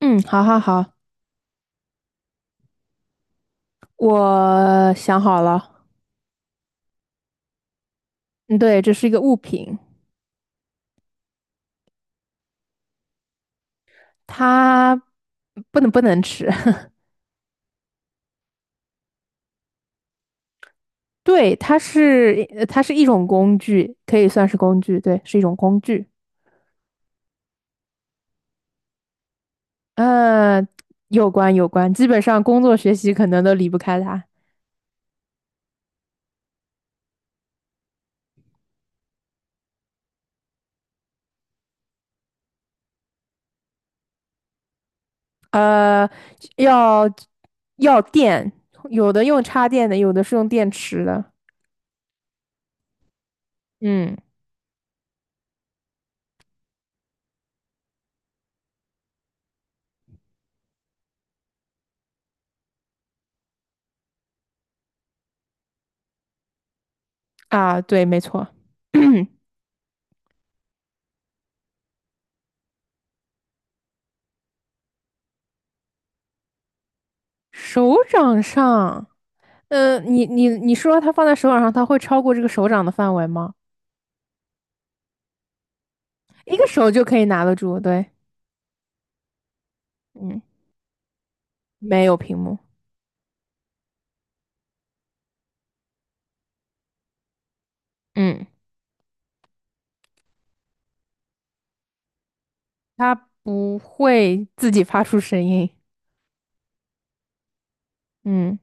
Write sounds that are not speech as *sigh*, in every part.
嗯，好好好，我想好了。嗯，对，这是一个物品，它不能吃。*laughs* 对，它是一种工具，可以算是工具。对，是一种工具。呃，有关有关，基本上工作学习可能都离不开它。呃，要要电，有的用插电的，有的是用电池的。嗯，啊，对，没错。*coughs* *clears throat* 手掌上。呃，你说它放在手掌上，它会超过这个手掌的范围吗？一个手就可以拿得住，对，嗯，没有屏幕。嗯，它不会自己发出声音。嗯，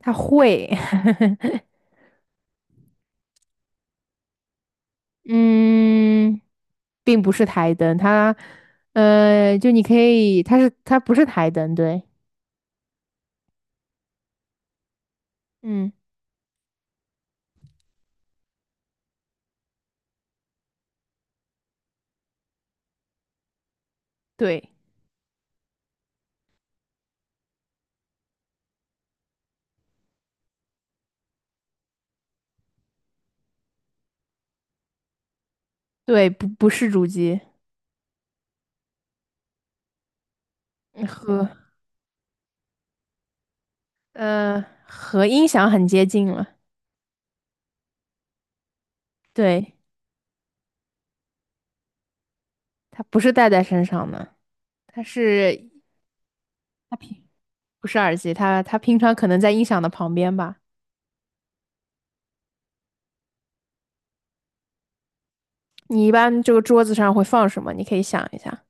它会。*laughs* 嗯，并不是台灯，呃，就你可以，它不是台灯，对，嗯，对对，不是主机。嗯和音响很接近了，对，它不是戴在身上的。它是它平不是耳机？它平常可能在音响的旁边吧。你一般这个桌子上会放什么？你可以想一下。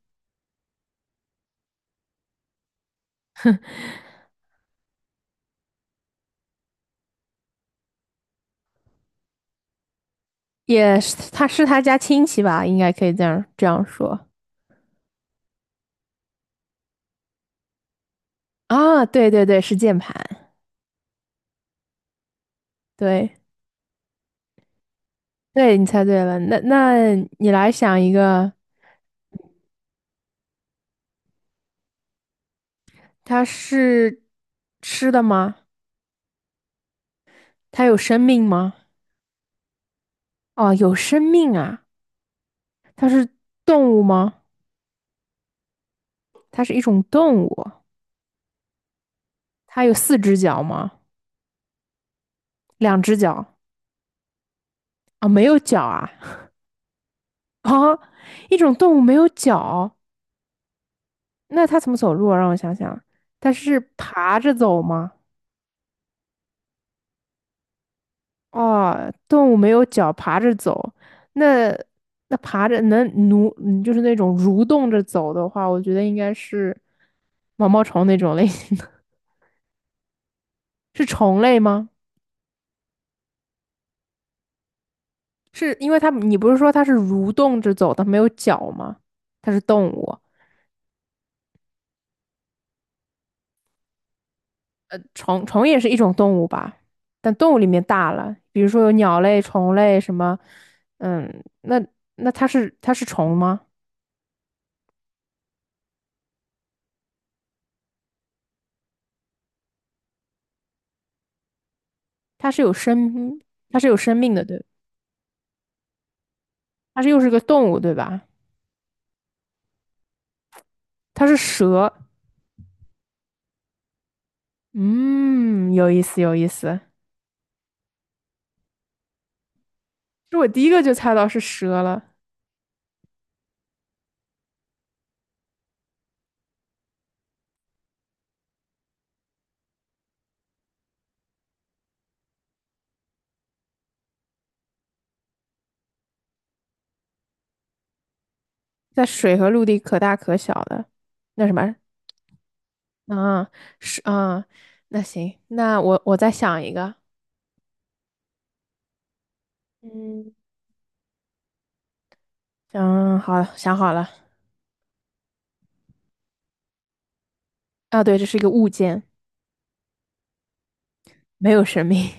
也是，他是他家亲戚吧？应该可以这样说啊。对对对，是键盘。对对，你猜对了。那你来想一个。它是吃的吗？它有生命吗？哦，有生命啊。它是动物吗？它是一种动物。它有四只脚吗？两只脚啊，没有脚啊。啊，一种动物没有脚，那它怎么走路啊让我想想，它是爬着走吗？哦，动物没有脚，爬着走，那那爬着能蠕，就是那种蠕动着走的话，我觉得应该是毛毛虫那种类型的。*laughs* 是虫类吗？是因为它，你不是说它是蠕动着走的，没有脚吗？它是动物。虫也是一种动物吧，但动物里面大了，比如说有鸟类、虫类什么，嗯，那它是虫吗？它是有生它是有生命的，对，它是又是个动物，对吧？它是蛇，嗯，有意思有意思，这我第一个就猜到是蛇了，在水和陆地可大可小的，那什么，啊，是啊，那行，那我再想一个。嗯，嗯，好，想好了。啊，对，这是一个物件。没有生命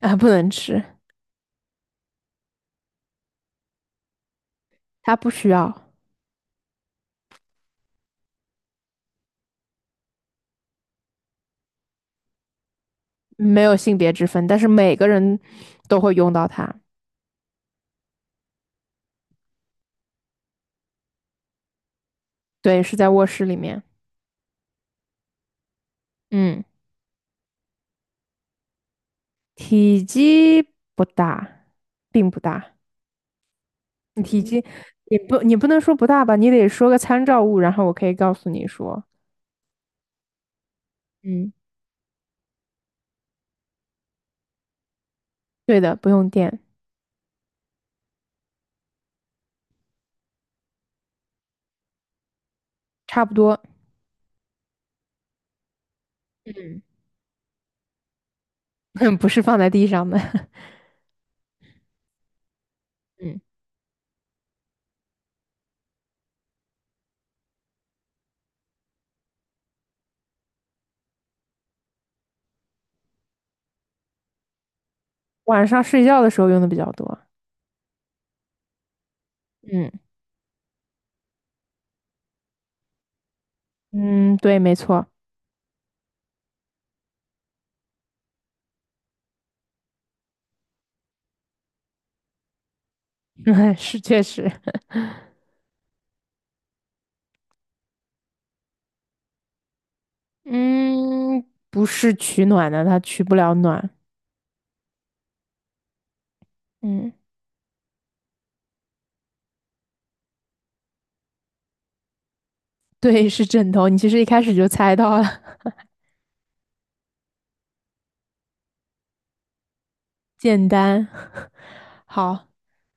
啊，不能吃，它不需要，没有性别之分，但是每个人都会用到它。对，是在卧室里面。嗯，体积不大，并不大。体积你不能说不大吧，你得说个参照物，然后我可以告诉你说，嗯，对的，不用电，差不多。嗯，*laughs* 不是放在地上的。*laughs* 嗯，晚上睡觉的时候用的比较多。嗯嗯，对，没错。*laughs* 是确实。嗯，不是取暖的，它取不了暖。嗯，对，是枕头。你其实一开始就猜到了。*laughs* 简单。*laughs* 好，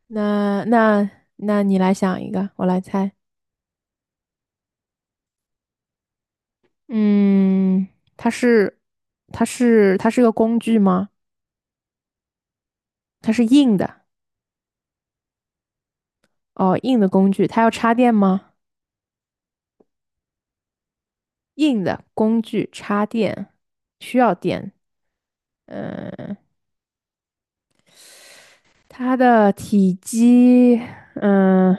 那那那你来想一个，我来猜。嗯，它是它是个工具吗？它是硬的哦，硬的工具。它要插电吗？硬的工具插电需要电。嗯、它的体积，嗯，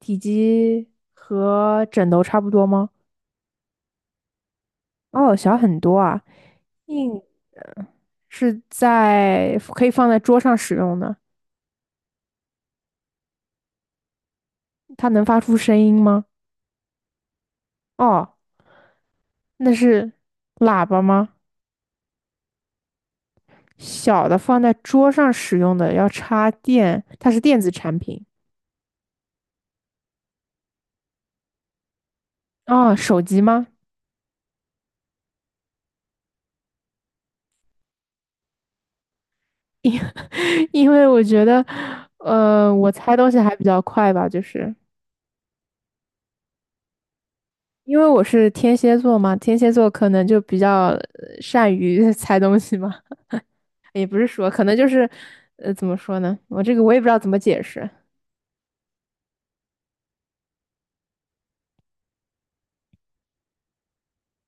体积和枕头差不多吗？哦，小很多啊。硬是在可以放在桌上使用的。它能发出声音吗？哦，那是喇叭吗？小的放在桌上使用的要插电，它是电子产品。哦，手机吗？因 *laughs* 因为我觉得，我猜东西还比较快吧，就是。因为我是天蝎座嘛，天蝎座可能就比较善于 *laughs* 猜东西嘛，也不是说，可能就是，呃，怎么说呢？我这个我也不知道怎么解释。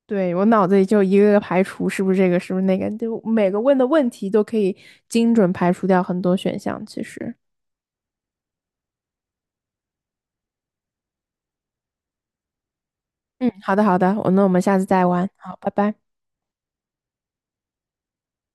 对，我脑子里就一个个排除，是不是这个，是不是那个，就每个问的问题都可以精准排除掉很多选项。其实，嗯，好的，好的，我那我们下次再玩，好，拜拜。